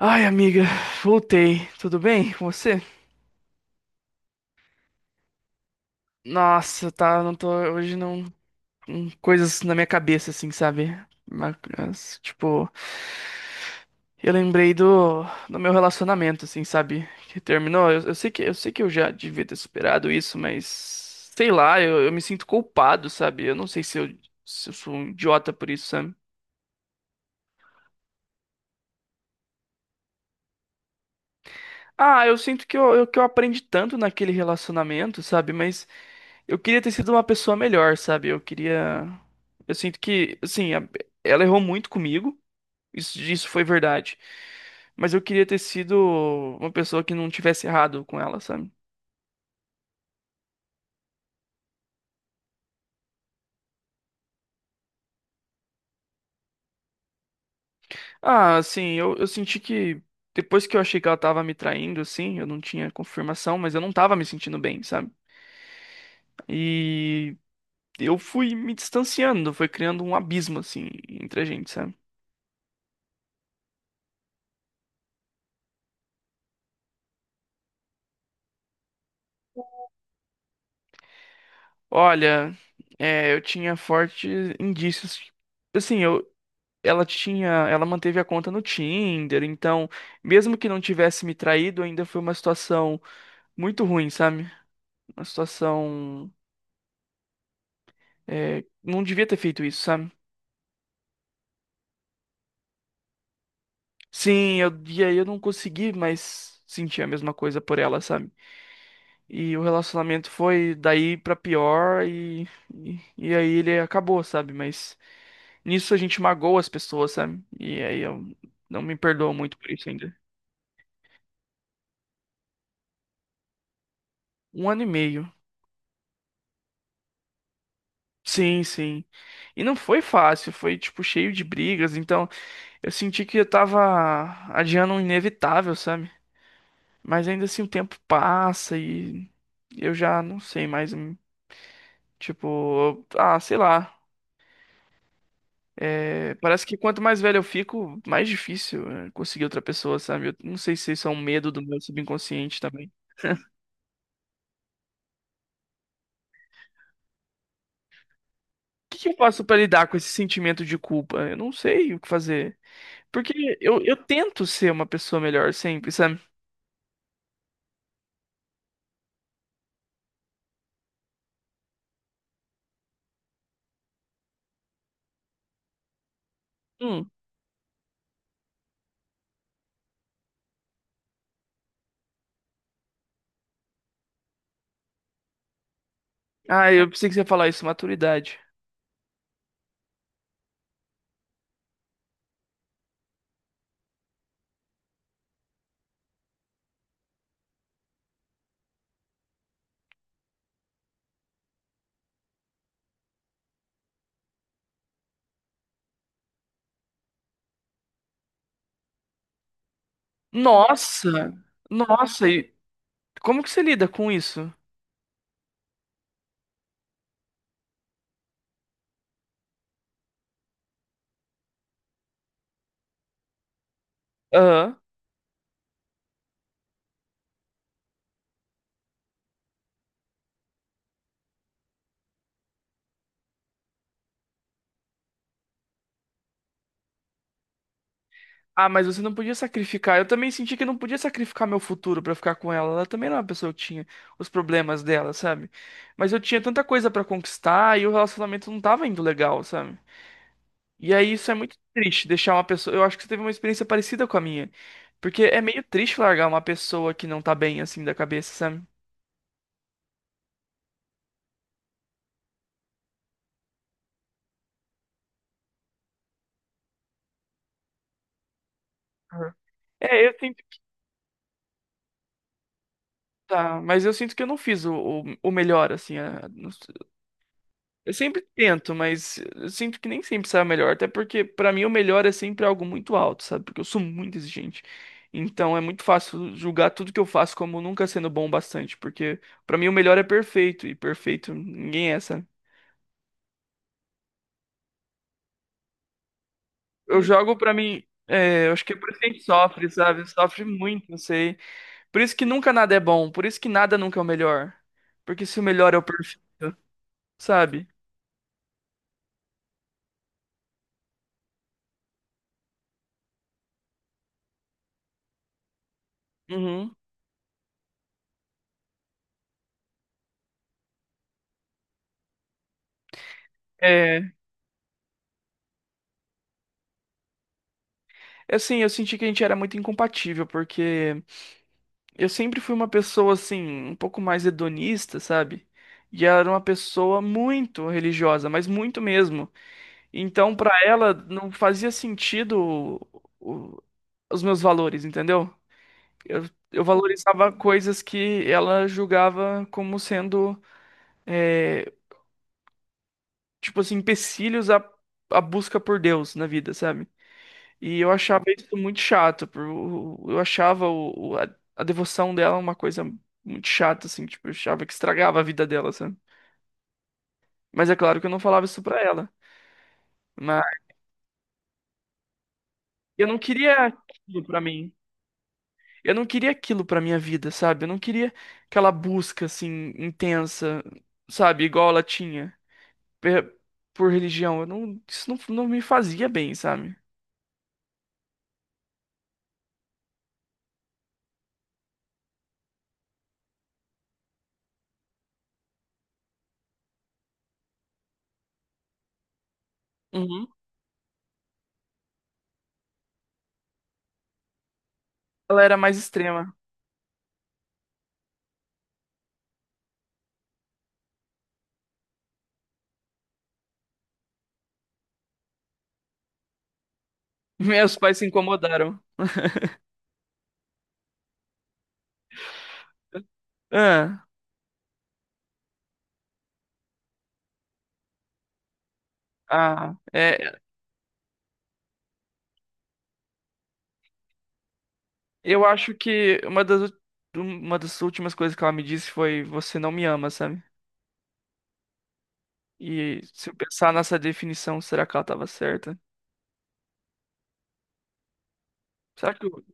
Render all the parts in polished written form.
Ai, amiga, voltei. Tudo bem com você? Nossa, tá, não tô, hoje não, coisas na minha cabeça, assim, sabe? Mas, tipo, eu lembrei do meu relacionamento, assim, sabe? Que terminou. Eu sei que eu já devia ter superado isso, mas sei lá, eu me sinto culpado, sabe? Eu não sei se eu sou um idiota por isso, sabe? Ah, eu sinto que eu aprendi tanto naquele relacionamento, sabe? Mas eu queria ter sido uma pessoa melhor, sabe? Eu queria. Eu sinto que, assim, ela errou muito comigo. Isso foi verdade. Mas eu queria ter sido uma pessoa que não tivesse errado com ela, sabe? Ah, assim, eu senti que depois que eu achei que ela tava me traindo, assim, eu não tinha confirmação, mas eu não tava me sentindo bem, sabe? E eu fui me distanciando, foi criando um abismo, assim, entre a gente, sabe? Olha, é, eu tinha fortes indícios. Assim, ela manteve a conta no Tinder, então, mesmo que não tivesse me traído, ainda foi uma situação muito ruim, sabe? Uma situação, não devia ter feito isso, sabe? Sim, e aí eu não consegui mais sentir a mesma coisa por ela, sabe? E o relacionamento foi daí pra pior e aí ele acabou, sabe? Mas nisso a gente magoa as pessoas, sabe? E aí eu não me perdoo muito por isso ainda. Um ano e meio. Sim, sim. E não foi fácil, foi tipo cheio de brigas, então eu senti que eu tava adiando um inevitável, sabe? Mas ainda assim o tempo passa e eu já não sei mais, tipo, ah, sei lá. É, parece que quanto mais velho eu fico, mais difícil é conseguir outra pessoa, sabe? Eu não sei se isso é um medo do meu subconsciente também. O que que eu faço pra lidar com esse sentimento de culpa? Eu não sei o que fazer. Porque eu tento ser uma pessoa melhor sempre, sabe? Hum, Ah, eu pensei que você ia falar isso, maturidade. Nossa! Nossa, e como que você lida com isso? Aham. Ah, mas você não podia sacrificar. Eu também senti que eu não podia sacrificar meu futuro pra ficar com ela. Ela também era uma pessoa que tinha os problemas dela, sabe? Mas eu tinha tanta coisa pra conquistar e o relacionamento não tava indo legal, sabe? E aí isso é muito triste, deixar uma pessoa. Eu acho que você teve uma experiência parecida com a minha. Porque é meio triste largar uma pessoa que não tá bem assim da cabeça, sabe? Aham. É, eu sinto Tá, mas eu sinto que eu não fiz o melhor, assim. Não sei. Eu sempre tento, mas eu sinto que nem sempre sai o melhor. Até porque, pra mim, o melhor é sempre algo muito alto, sabe? Porque eu sou muito exigente. Então é muito fácil julgar tudo que eu faço como nunca sendo bom o bastante. Porque, pra mim, o melhor é perfeito. E perfeito ninguém é, sabe? Eu jogo pra mim. É, eu acho que é por isso que a gente sofre, sabe? Sofre muito, não sei. Por isso que nunca nada é bom. Por isso que nada nunca é o melhor. Porque se o melhor é o perfeito, sabe? Uhum. É, e, assim, eu senti que a gente era muito incompatível, porque eu sempre fui uma pessoa, assim, um pouco mais hedonista, sabe? E ela era uma pessoa muito religiosa, mas muito mesmo. Então, pra ela, não fazia sentido o- os meus valores, entendeu? Eu, eu valorizava coisas que ela julgava como sendo, é, tipo assim, empecilhos à busca por Deus na vida, sabe? E eu achava isso muito chato. Eu achava a devoção dela uma coisa muito chata, assim. Tipo, eu achava que estragava a vida dela, sabe? Mas é claro que eu não falava isso pra ela. Mas eu não queria aquilo pra mim. Eu não queria aquilo pra minha vida, sabe? Eu não queria aquela busca, assim, intensa, sabe? Igual ela tinha per- por religião. Eu não, isso não, não me fazia bem, sabe? Uhum. Ela era mais extrema. Meus pais se incomodaram. Ah, ah, eu acho que uma das últimas coisas que ela me disse foi: Você não me ama, sabe? E se eu pensar nessa definição, será que ela tava certa? Será que eu,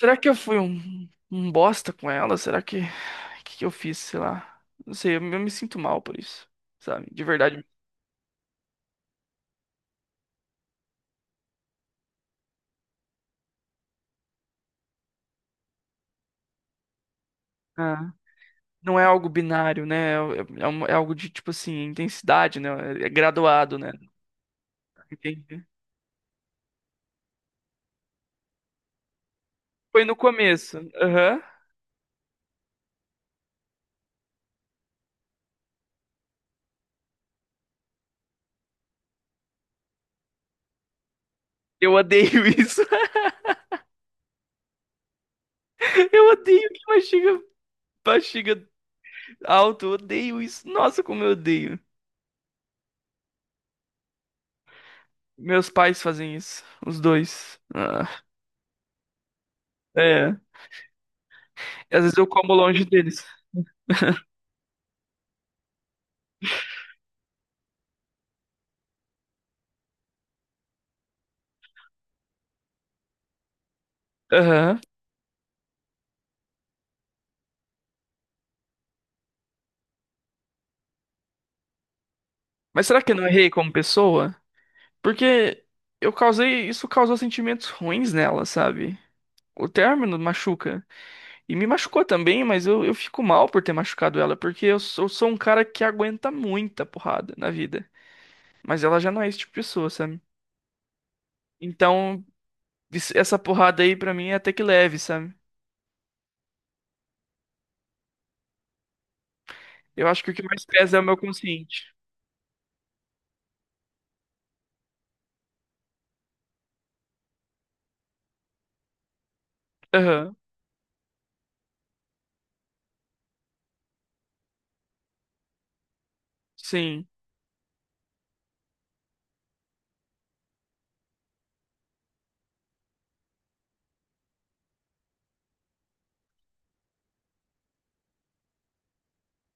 será que eu fui um, bosta com ela? Será que. O que que eu fiz? Sei lá. Não sei, eu me sinto mal por isso, sabe? De verdade. Ah. Não é algo binário, né? É, é algo de, tipo assim, intensidade, né? É graduado, né? Entendi. Foi no começo. Aham. Eu odeio isso. Eu odeio que mastiga. Bexiga alto, eu odeio isso. Nossa, como eu odeio. Meus pais fazem isso, os dois. Ah, é. E às vezes eu como longe deles. Aham. Mas será que eu não errei como pessoa? Porque isso causou sentimentos ruins nela, sabe? O término machuca. E me machucou também, mas eu fico mal por ter machucado ela, porque eu sou um cara que aguenta muita porrada na vida. Mas ela já não é esse tipo de pessoa, sabe? Então, essa porrada aí pra mim é até que leve, sabe? Eu acho que o que mais pesa é o meu consciente. Aham. Sim,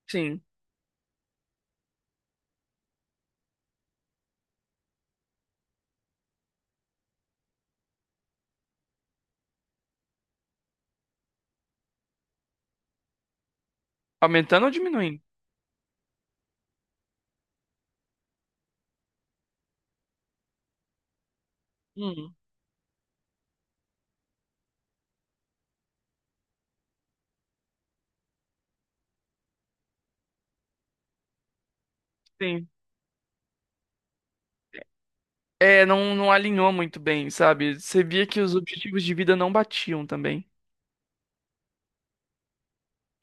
sim. Aumentando ou diminuindo? Hum, sim. É, não, não alinhou muito bem, sabe? Você via que os objetivos de vida não batiam também.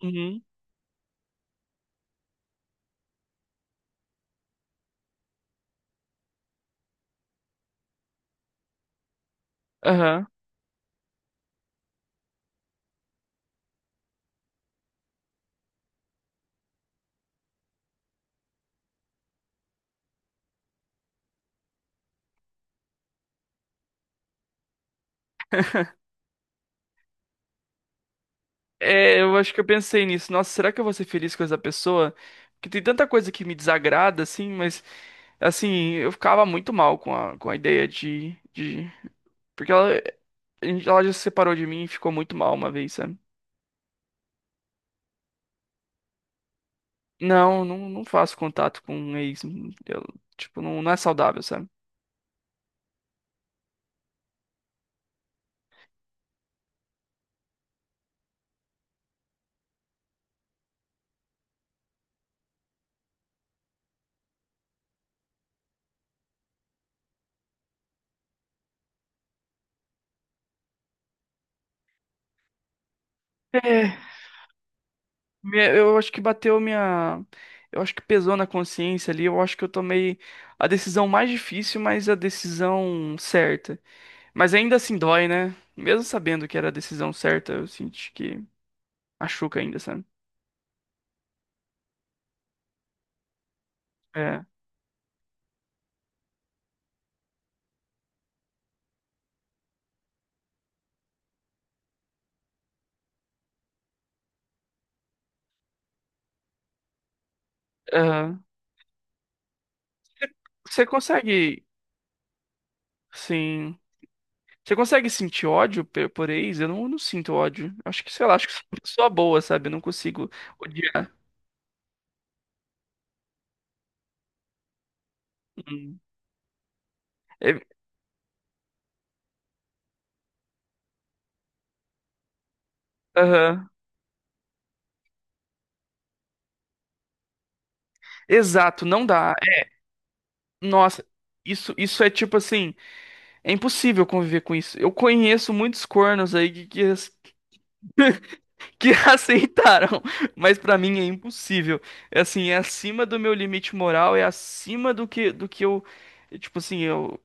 Uhum. Aham. É, eu acho que eu pensei nisso. Nossa, será que eu vou ser feliz com essa pessoa? Porque tem tanta coisa que me desagrada, assim, mas, assim, eu ficava muito mal com a ideia de. Porque ela já se separou de mim e ficou muito mal uma vez, sabe? Não, não, não faço contato com um ex. Eu, tipo, não, não é saudável, sabe? É, eu acho que bateu minha. Eu acho que pesou na consciência ali. Eu acho que eu tomei a decisão mais difícil, mas a decisão certa. Mas ainda assim dói, né? Mesmo sabendo que era a decisão certa, eu senti que machuca ainda, sabe? É. Aham. Você consegue, sim. Você consegue sentir ódio por ex? Eu não sinto ódio. Acho que, sei lá, acho que sou uma pessoa boa, sabe? Eu não consigo odiar. Hum. É- aham. Exato, não dá. Nossa, isso é tipo assim, é impossível conviver com isso. Eu conheço muitos cornos aí que aceitaram, mas pra mim é impossível. É assim, é acima do meu limite moral, é acima do que eu, tipo assim, eu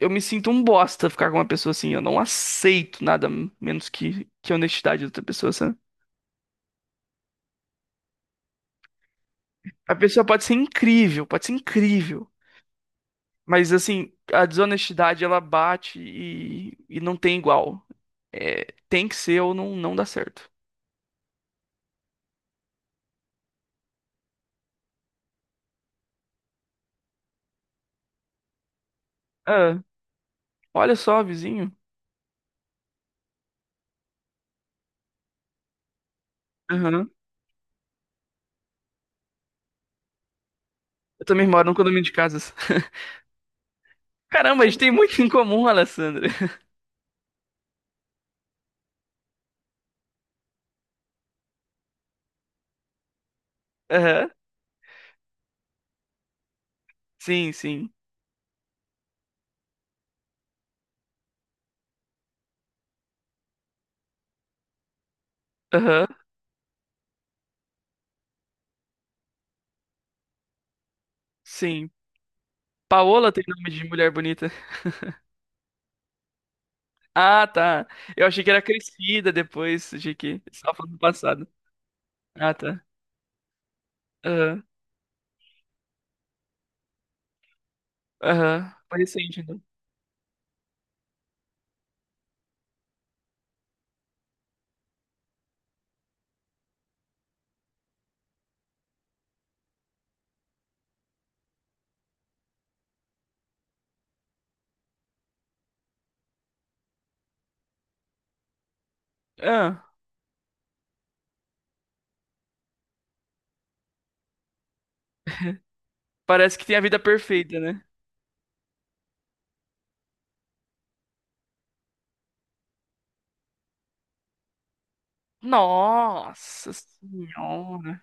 eu me sinto um bosta ficar com uma pessoa assim. Eu não aceito nada menos que a honestidade da outra pessoa, sabe? A pessoa pode ser incrível, pode ser incrível. Mas assim, a desonestidade ela bate e não tem igual. É, tem que ser ou não, não dá certo. Ah, olha só, vizinho. Aham. Eu também moro num condomínio de casas. Caramba, a gente tem muito em comum, Alessandra. Aham. Sim, sim. Aham. Sim. Paola tem nome de mulher bonita. Ah, tá. Eu achei que era crescida depois. Achei que estava falando do passado. Ah, tá. Aham. Aham. Foi recente, então. Ah, parece que tem a vida perfeita, né? Nossa senhora.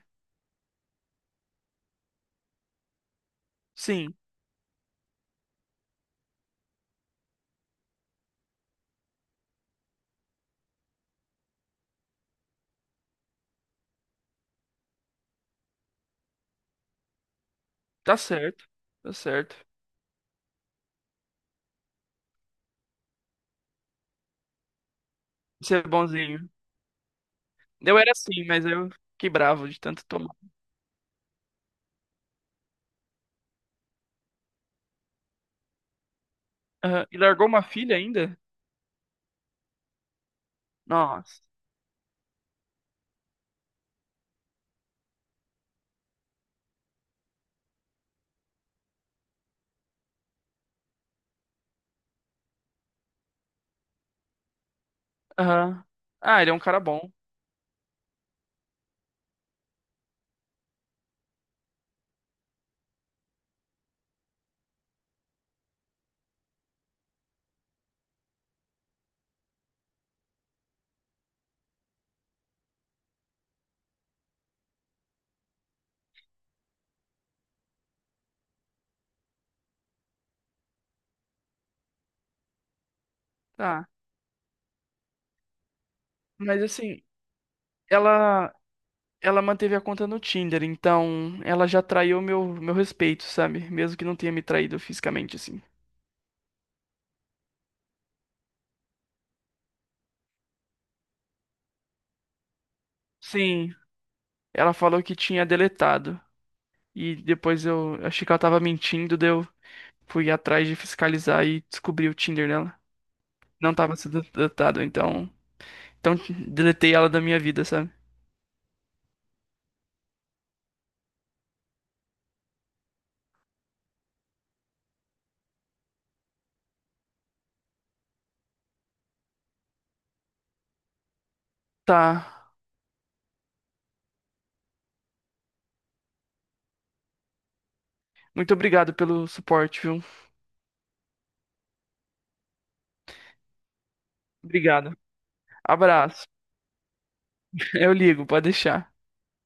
Sim, tá certo. Tá certo. Você é bonzinho. Eu era assim, mas eu fiquei bravo de tanto tomar. Aham. E largou uma filha ainda? Nossa. Aham. Ah, ele é um cara bom. Tá. Mas assim, ela ela manteve a conta no Tinder, então ela já traiu meu respeito, sabe? Mesmo que não tenha me traído fisicamente assim. Sim, ela falou que tinha deletado. E depois eu achei que ela tava mentindo, deu. Fui atrás de fiscalizar e descobri o Tinder nela. Não tava sendo datado, então. Então deletei ela da minha vida, sabe? Tá. Muito obrigado pelo suporte, viu? Obrigado. Abraço. Eu ligo, pode deixar.